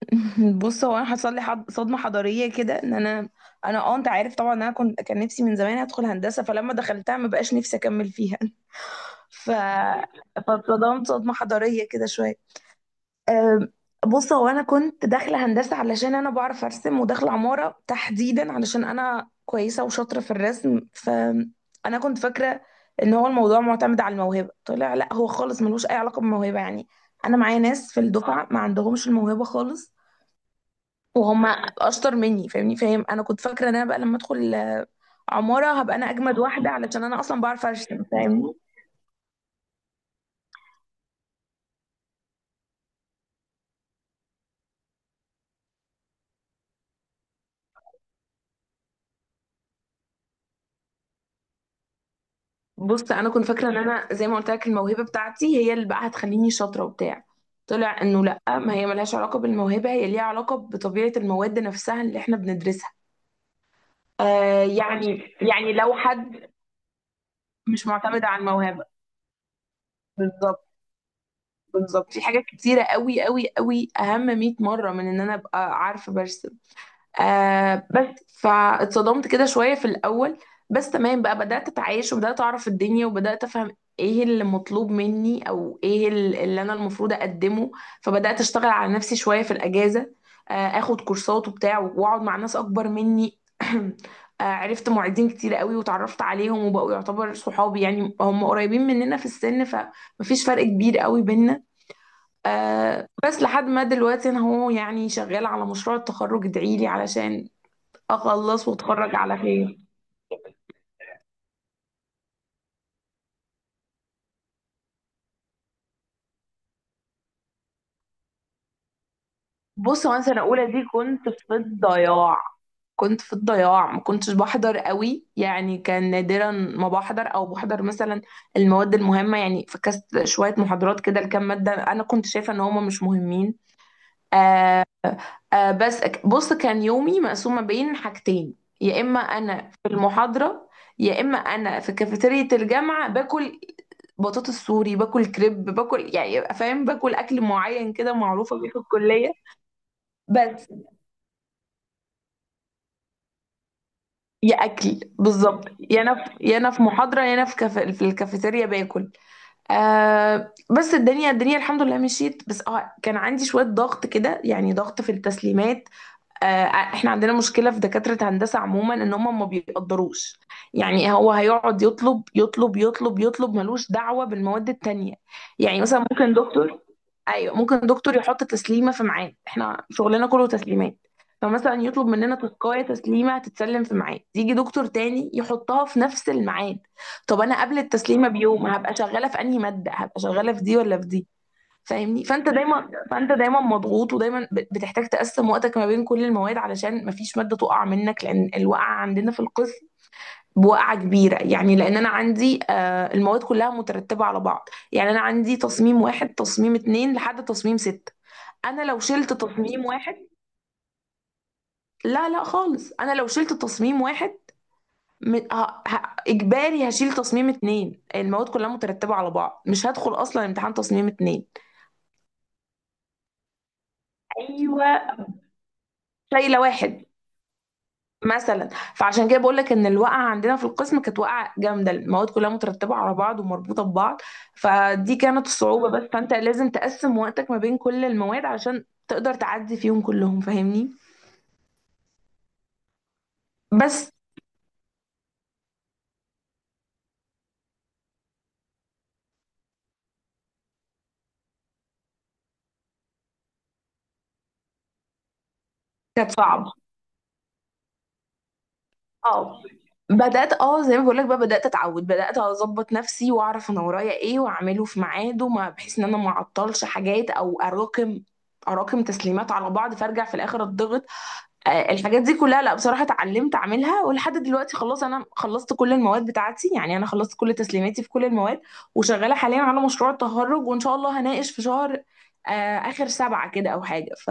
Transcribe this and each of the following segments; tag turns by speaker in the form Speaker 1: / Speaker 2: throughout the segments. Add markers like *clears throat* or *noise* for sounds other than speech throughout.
Speaker 1: *laughs* بص، هو انا حصل لي صدمه حضاريه كده، ان انا انا اه انت عارف طبعا إن انا كان نفسي من زمان ادخل هندسه، فلما دخلتها ما بقاش نفسي اكمل فيها. *laughs* ف فاتصدمت صدمه حضاريه كده شويه. أم، بص، هو انا كنت داخله هندسه علشان انا بعرف ارسم، وداخله عماره تحديدا علشان انا كويسه وشاطره في الرسم. فانا كنت فاكره ان هو الموضوع معتمد على الموهبه. طلع لا، هو خالص ملوش اي علاقه بالموهبه. يعني انا معايا ناس في الدفعه ما عندهمش الموهبه خالص وهم اشطر مني. فاهمني؟ انا كنت فاكره ان انا بقى لما ادخل عماره هبقى انا اجمد واحده علشان انا اصلا بعرف ارسم. فاهمني؟ بص، انا كنت فاكره ان انا، زي ما قلت لك، الموهبه بتاعتي هي اللي بقى هتخليني شاطره وبتاع. طلع انه لا، ما هي ملهاش علاقه بالموهبه، هي ليها علاقه بطبيعه المواد نفسها اللي احنا بندرسها. آه يعني يعني لو حد مش معتمد على الموهبه. بالظبط، بالظبط. في حاجات كتيره قوي قوي قوي اهم 100 مره من ان انا ابقى عارفه برسم. بس فاتصدمت كده شوية في الأول. بس تمام بقى، بدأت أتعايش وبدأت أعرف الدنيا وبدأت أفهم إيه اللي مطلوب مني، أو إيه اللي أنا المفروض أقدمه. فبدأت أشتغل على نفسي شوية في الأجازة، آه آخد كورسات وبتاع وأقعد مع ناس أكبر مني. *clears throat* عرفت معيدين كتير قوي وتعرفت عليهم وبقوا يعتبر صحابي. يعني هم قريبين مننا في السن، فمفيش فرق كبير قوي بينا. بس لحد ما دلوقتي انا، هو يعني، شغاله على مشروع التخرج. ادعيلي علشان اخلص واتخرج على خير. بص، هو انا سنه اولى دي كنت في الضياع. كنت في الضياع، ما كنتش بحضر قوي. يعني كان نادرا ما بحضر، او بحضر مثلا المواد المهمه. يعني فكست شويه محاضرات كده لكام ماده انا كنت شايفه ان هما مش مهمين. آه بس بص، كان يومي مقسوم ما بين حاجتين. يا اما انا في المحاضره، يا اما انا في كافيتيريا الجامعه باكل. بطاطس سوري باكل، كريب باكل، يعني يبقى فاهم، باكل اكل معين كده معروفه بيه في الكليه. بس. يا اكل بالظبط. يا انا في محاضره، يا انا في في الكافيتيريا باكل. آه بس الدنيا الحمد لله مشيت. بس كان عندي شويه ضغط كده، يعني ضغط في التسليمات. احنا عندنا مشكلة في دكاترة هندسة عموما، ان هم ما بيقدروش. يعني هو هيقعد يطلب يطلب يطلب يطلب، ملوش دعوة بالمواد التانية. يعني مثلا ممكن دكتور. ايوه، ممكن دكتور يحط تسليمة في ميعاد. احنا شغلنا كله تسليمات. فمثلا يطلب مننا تسكاية تسليمة هتتسلم في ميعاد، يجي دكتور تاني يحطها في نفس الميعاد. طب انا قبل التسليمة بيوم هبقى شغالة في انهي مادة؟ هبقى شغالة في دي ولا في دي؟ فاهمني. فانت دايما مضغوط، ودايما بتحتاج تقسم وقتك ما بين كل المواد علشان ما فيش ماده تقع منك، لان الوقعه عندنا في القسم بوقعه كبيره. يعني لان انا عندي، المواد كلها مترتبه على بعض. يعني انا عندي تصميم واحد، تصميم اتنين، لحد تصميم ستة. انا لو شلت تصميم واحد، لا لا خالص، انا لو شلت تصميم واحد اجباري هشيل تصميم اتنين. المواد كلها مترتبه على بعض، مش هدخل اصلا امتحان تصميم اتنين. ايوه، شايله واحد مثلا. فعشان كده بقول لك ان الوقعه عندنا في القسم كانت وقعه جامده. المواد كلها مترتبه على بعض ومربوطه ببعض. فدي كانت الصعوبه بس. فانت لازم تقسم وقتك ما بين كل المواد علشان تقدر تعدي فيهم كلهم. فاهمني. بس. كانت صعبه. اه بدات، زي ما بقول لك بقى، بدات اتعود، بدات اظبط نفسي واعرف انا ورايا ايه واعمله في ميعاده، ما بحيث ان انا ما اعطلش حاجات او اراكم تسليمات على بعض فارجع في الاخر اتضغط. الحاجات دي كلها، لا بصراحة اتعلمت اعملها، ولحد دلوقتي خلاص انا خلصت كل المواد بتاعتي. يعني انا خلصت كل تسليماتي في كل المواد، وشغالة حاليا على مشروع التخرج، وان شاء الله هناقش في شهر اخر سبعة كده او حاجة.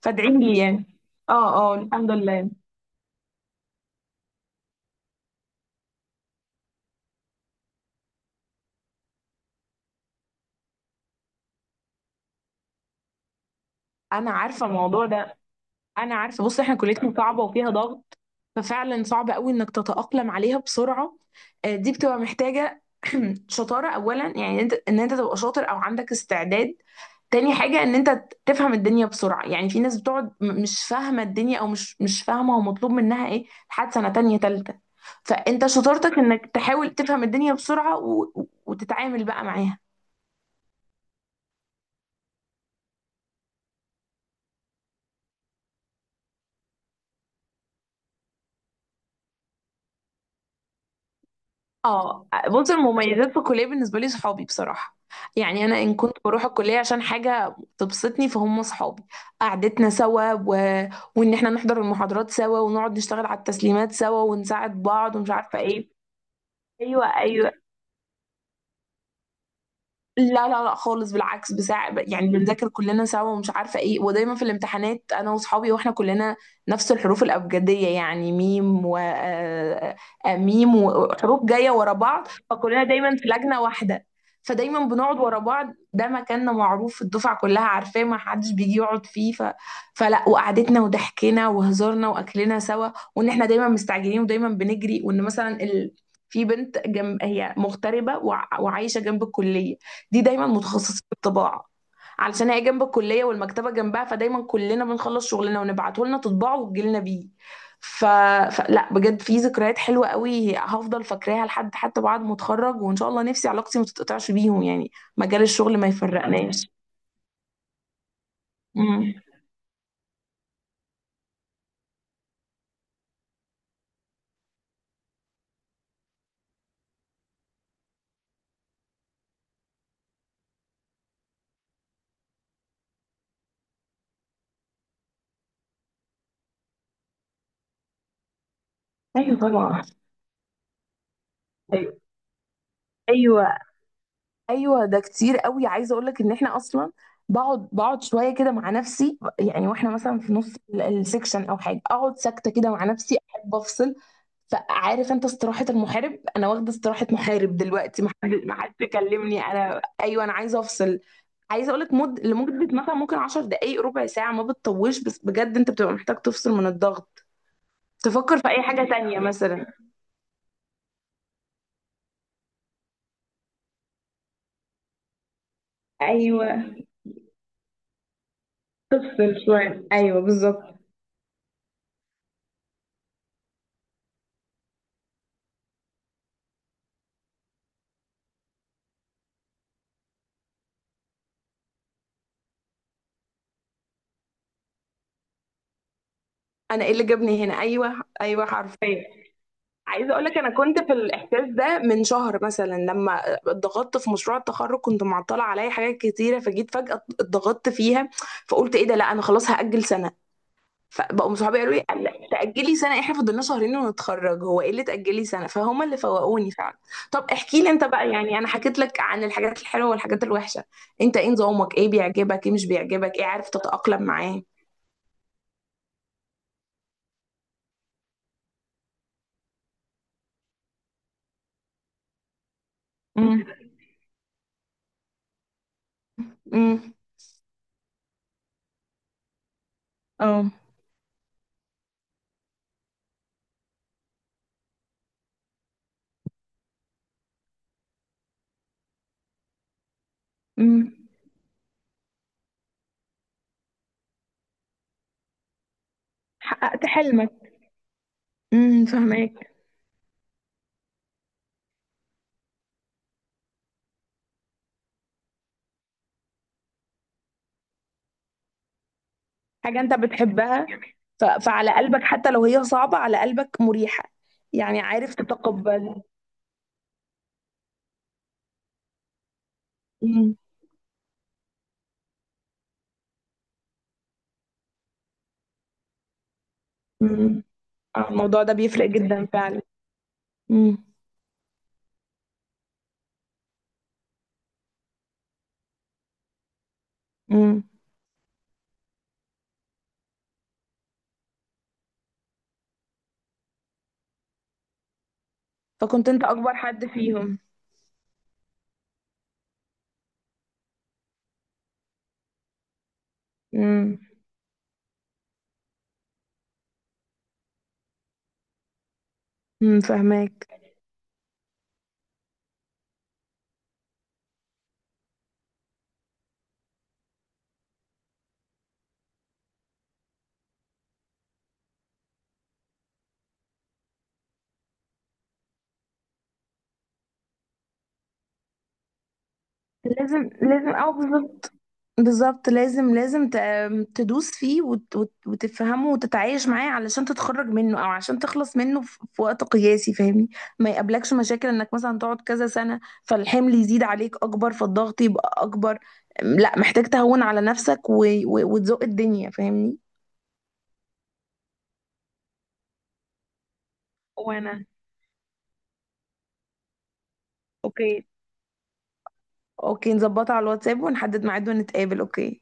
Speaker 1: فادعي لي يعني. اه، اه، الحمد لله. انا عارفة الموضوع ده، انا عارفة. بص، احنا كليتنا صعبة وفيها ضغط، ففعلا صعب قوي انك تتأقلم عليها بسرعة. دي بتبقى محتاجة *clears throat* شطارة اولا، يعني انت ان انت تبقى شاطر او عندك استعداد. تاني حاجة ان انت تفهم الدنيا بسرعة. يعني في ناس بتقعد مش فاهمة الدنيا، او مش فاهمة هو مطلوب منها ايه لحد سنة تانية تالتة. فانت شطارتك انك تحاول تفهم الدنيا بسرعة وتتعامل بقى معاها. اه، بص، المميزات في الكليه بالنسبه لي صحابي بصراحه. يعني انا ان كنت بروح الكليه عشان حاجه تبسطني فهم صحابي. قعدتنا سوا وان احنا نحضر المحاضرات سوا، ونقعد نشتغل على التسليمات سوا، ونساعد بعض ومش عارفه ايه. ايوه، ايوه. لا لا لا خالص، بالعكس بساع. يعني بنذاكر كلنا سوا ومش عارفه ايه. ودايما في الامتحانات انا واصحابي واحنا كلنا نفس الحروف الابجديه. يعني ميم و آه، آه، ميم وحروف جايه ورا بعض، فكلنا دايما في لجنه واحده. فدايما بنقعد ورا بعض، ده مكاننا معروف، الدفعه كلها عارفاه، ما حدش بيجي يقعد فيه. فلا، وقعدتنا وضحكنا وهزارنا واكلنا سوا. وان احنا دايما مستعجلين ودايما بنجري. وان مثلا في بنت جنب، هي مغتربه وعايشه جنب الكليه، دي دايما متخصصين في الطباعه، علشان هي جنب الكليه والمكتبه جنبها. فدايما كلنا بنخلص شغلنا ونبعته لنا تطبعه وتجي لنا بيه. ف... فلا، بجد في ذكريات حلوه قوي هفضل فاكراها لحد حتى بعد ما اتخرج. وان شاء الله نفسي علاقتي ما تتقطعش بيهم، يعني مجال الشغل ما يفرقناش. امم. ايوه طبعا. أيوة. أيوة. ايوه ده كتير قوي. عايزه اقول لك ان احنا اصلا بقعد بقعد شويه كده مع نفسي. يعني واحنا مثلا في نص السكشن او حاجه، اقعد ساكته كده مع نفسي، احب افصل. فعارف انت استراحة المحارب؟ انا واخدة استراحة محارب دلوقتي. ما حد يكلمني. انا ايوه، انا عايزة افصل. عايزة اقول لك لمدة مثلا ممكن 10 دقايق، ربع ساعة، ما بتطولش. بس بجد انت بتبقى محتاج تفصل من الضغط، تفكر في اي حاجة تانية مثلا. ايوه، تفصل شوية، ايوه بالظبط. انا ايه اللي جابني هنا؟ ايوه، ايوه، حرفيا. عايزه اقول لك انا كنت في الاحساس ده من شهر مثلا، لما اتضغطت في مشروع التخرج. كنت معطله عليا حاجات كتيره، فجيت فجاه اتضغطت فيها. فقلت ايه ده؟ لا، انا خلاص هاجل سنه. فبقوا صحابي قالوا لي لا، تاجلي سنه؟ احنا فضلنا شهرين ونتخرج، هو ايه اللي تاجلي سنه؟ فهم اللي فوقوني فعلا. طب احكي لي انت بقى، يعني انا حكيت لك عن الحاجات الحلوه والحاجات الوحشه. انت ايه نظامك؟ ايه بيعجبك؟ ايه مش بيعجبك؟ ايه عارف تتاقلم معاه؟ امم. امم. اه. امم. حققت حلمك. امم. حاجة أنت بتحبها. فعلى قلبك، حتى لو هي صعبة، على قلبك مريحة. يعني عارف تتقبل. مم. مم. الموضوع ده بيفرق جدا فعلا. مم. مم. فكنت أنت أكبر حد فيهم. مم. مم. فهماك. لازم لازم بالظبط. بالظبط، لازم لازم تدوس فيه وتفهمه وتتعايش معاه، علشان تتخرج منه او عشان تخلص منه في وقت قياسي. فاهمني. ما يقابلكش مشاكل انك مثلا تقعد كذا سنة، فالحمل يزيد عليك اكبر، فالضغط يبقى اكبر. لا، محتاج تهون على نفسك وتزق الدنيا. فاهمني. وانا اوكي. اوكي، نظبطها على الواتساب ونحدد ميعاد ونتقابل. اوكي.